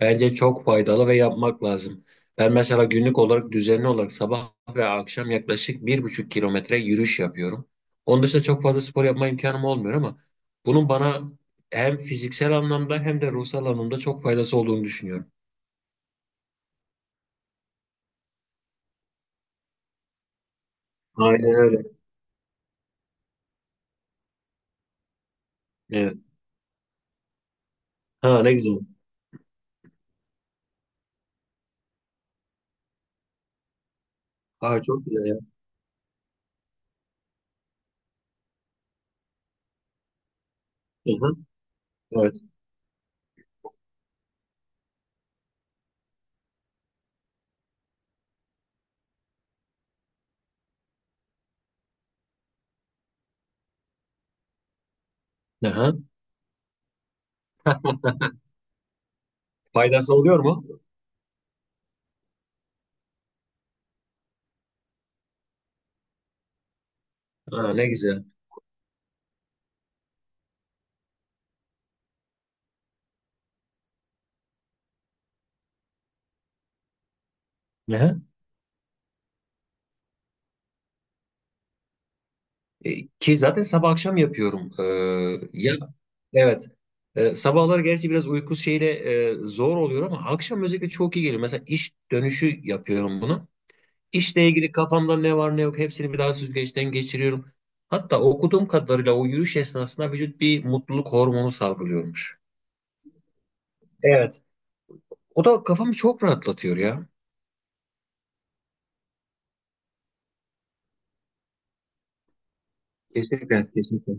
Bence çok faydalı ve yapmak lazım. Ben mesela günlük olarak düzenli olarak sabah ve akşam yaklaşık 1,5 kilometre yürüyüş yapıyorum. Onun dışında çok fazla spor yapma imkanım olmuyor ama bunun bana hem fiziksel anlamda hem de ruhsal anlamda çok faydası olduğunu düşünüyorum. Aynen öyle. Evet. Ha, ne güzel. Ha, çok güzel ya. Hı-hı. Evet. Hı-hı. Faydası oluyor mu? Ha, ne güzel. Hı-hı. Ki zaten sabah akşam yapıyorum. Ya. Evet. Sabahlar gerçi biraz uyku şeyle zor oluyor ama akşam özellikle çok iyi geliyor. Mesela iş dönüşü yapıyorum bunu. İşle ilgili kafamda ne var ne yok hepsini bir daha süzgeçten geçiriyorum. Hatta okuduğum kadarıyla o yürüyüş esnasında vücut bir mutluluk hormonu salgılıyormuş. Evet. O da kafamı çok rahatlatıyor ya. Kesinlikle, kesinlikle.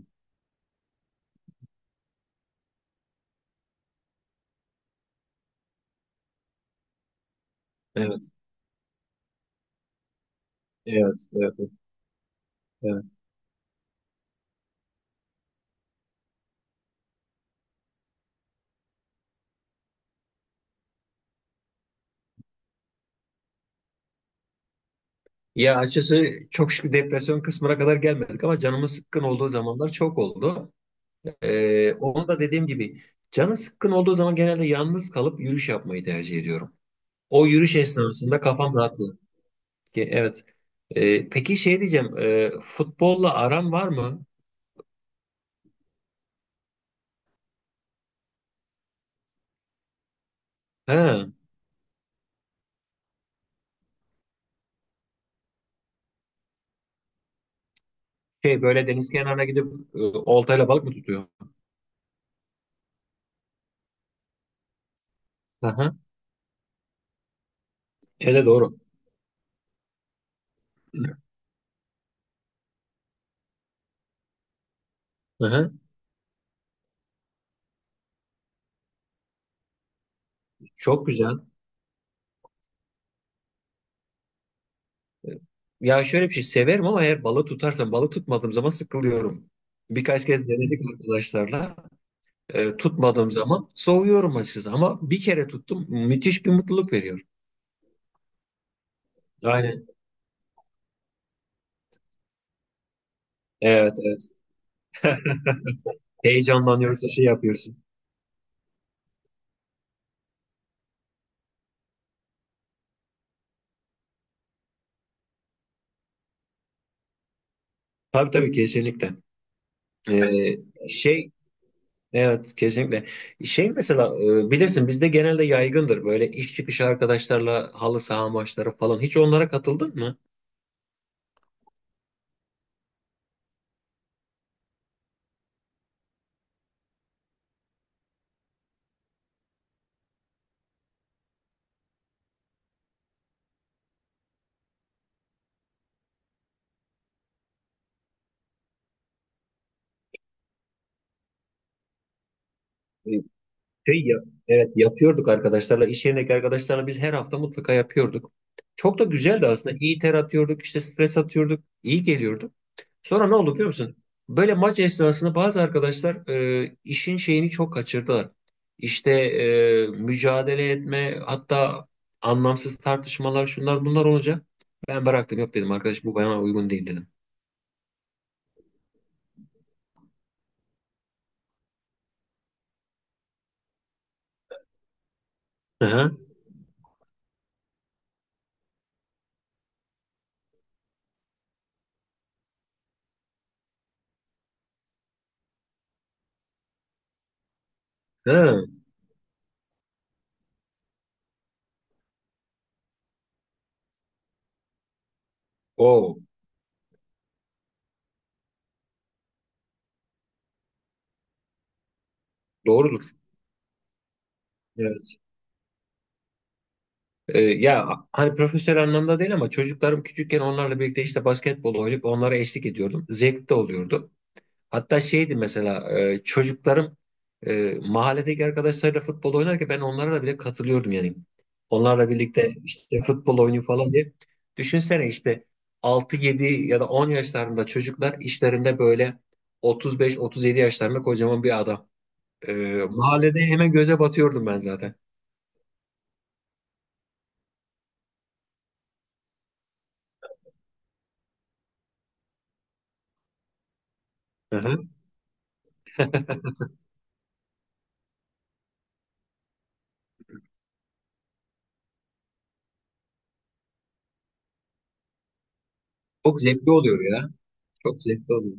Evet, evet, evet, evet. Ya, açıkçası çok şükür depresyon kısmına kadar gelmedik ama canımız sıkkın olduğu zamanlar çok oldu. Onu da dediğim gibi canım sıkkın olduğu zaman genelde yalnız kalıp yürüyüş yapmayı tercih ediyorum. O yürüyüş esnasında kafam rahatlıyor. Evet. Peki şey diyeceğim, futbolla aran var mı? Ha, şey böyle deniz kenarına gidip oltayla balık mı tutuyor? Aha, hele doğru. Aha, çok güzel. Ya şöyle, bir şey severim ama eğer balık tutarsam balık tutmadığım zaman sıkılıyorum. Birkaç kez denedik arkadaşlarla. Tutmadığım zaman soğuyorum açıkçası ama bir kere tuttum, müthiş bir mutluluk veriyor. Aynen. Evet, evet. Heyecanlanıyoruz da şey yapıyorsun. Tabii, tabii, kesinlikle. E, şey evet, kesinlikle. Şey mesela, bilirsin bizde genelde yaygındır böyle iş çıkışı arkadaşlarla halı saha maçları falan. Hiç onlara katıldın mı? E, Şey ya, evet yapıyorduk arkadaşlarla, iş yerindeki arkadaşlarla biz her hafta mutlaka yapıyorduk. Çok da güzeldi aslında. İyi ter atıyorduk, işte stres atıyorduk, iyi geliyordu. Sonra ne oldu biliyor musun? Böyle maç esnasında bazı arkadaşlar işin şeyini çok kaçırdılar. İşte mücadele etme, hatta anlamsız tartışmalar, şunlar bunlar olunca ben bıraktım, yok dedim arkadaş, bu bana uygun değil dedim. Hı hı. O doğrudur. Evet. Ya, hani profesyonel anlamda değil ama çocuklarım küçükken onlarla birlikte işte basketbol oynayıp onlara eşlik ediyordum. Zevkli de oluyordu. Hatta şeydi mesela, çocuklarım mahalledeki arkadaşlarıyla futbol oynarken ben onlara da bile katılıyordum yani. Onlarla birlikte işte futbol oynuyor falan diye. Düşünsene işte 6-7 ya da 10 yaşlarında çocuklar, işlerinde böyle 35-37 yaşlarında kocaman bir adam. E, Mahallede hemen göze batıyordum ben zaten. Hı hı. Çok zevkli oluyor ya. Çok zevkli oluyor.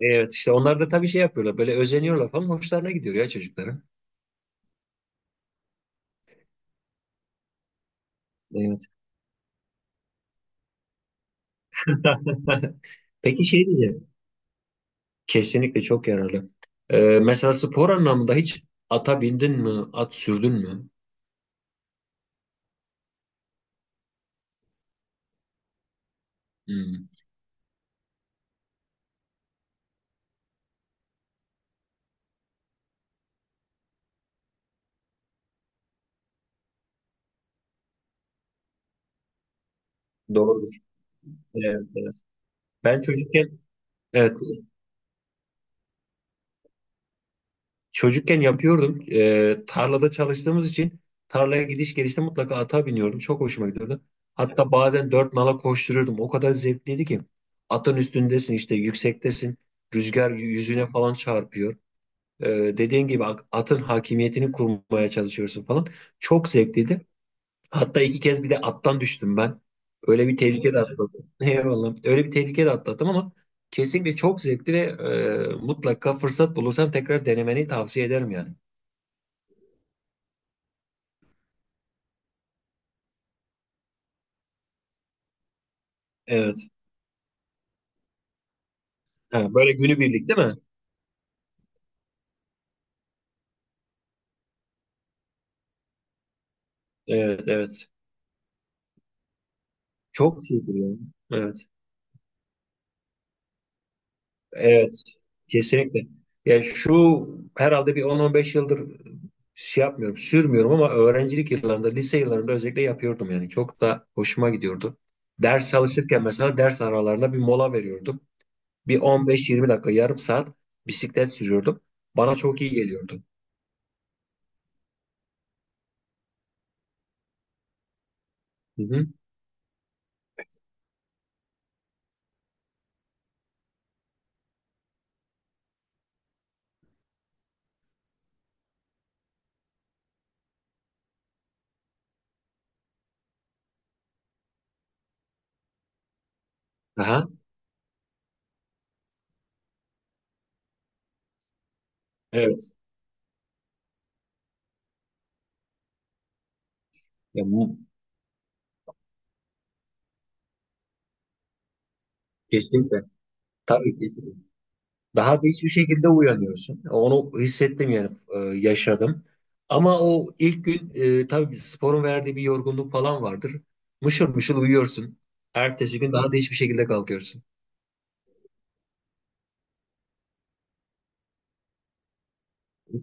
Evet, işte onlar da tabii şey yapıyorlar, böyle özeniyorlar falan, hoşlarına gidiyor ya çocukların. Evet. Peki şey diyeceğim. Kesinlikle çok yararlı. Mesela spor anlamında hiç ata bindin mi, at sürdün mü? Hmm, doğrudur. Evet, evet. Ben çocukken evet, çocukken yapıyordum. Tarlada çalıştığımız için tarlaya gidiş gelişte mutlaka ata biniyordum. Çok hoşuma gidiyordu. Hatta bazen dört nala koşturuyordum. O kadar zevkliydi ki. Atın üstündesin, işte yüksektesin. Rüzgar yüzüne falan çarpıyor. Ee, Dediğin gibi atın hakimiyetini kurmaya çalışıyorsun falan. Çok zevkliydi. Hatta 2 kez bir de attan düştüm ben. Öyle bir tehlike de atlattım. Eyvallah. Öyle bir tehlike de atlattım ama kesinlikle çok zevkli ve mutlaka fırsat bulursam tekrar denemeni tavsiye ederim yani. Evet. Ha, böyle günübirlik değil mi? Evet, evet. Çok şeydir yani. Evet. Evet. Kesinlikle. Ya şu, herhalde bir 10-15 yıldır şey yapmıyorum, sürmüyorum ama öğrencilik yıllarında, lise yıllarında özellikle yapıyordum yani. Çok da hoşuma gidiyordu. Ders çalışırken mesela ders aralarında bir mola veriyordum. Bir 15-20 dakika, yarım saat bisiklet sürüyordum. Bana çok iyi geliyordu. Hı hı. Aha, evet. Ya bu kesinlikle. Tabii, kesinlikle. Daha da hiçbir şekilde uyanıyorsun. Onu hissettim yani, yaşadım. Ama o ilk gün tabii sporun verdiği bir yorgunluk falan vardır. Mışıl mışıl uyuyorsun. Ertesi gün daha da hiçbir şekilde kalkıyorsun.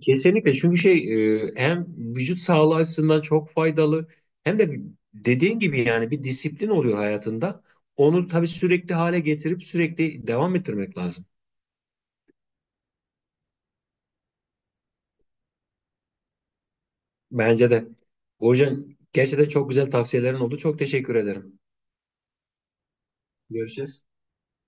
Kesinlikle, çünkü şey, hem vücut sağlığı açısından çok faydalı hem de dediğin gibi yani, bir disiplin oluyor hayatında. Onu tabii sürekli hale getirip sürekli devam ettirmek lazım. Bence de. Burcu, gerçekten çok güzel tavsiyelerin oldu. Çok teşekkür ederim. Görüşürüz.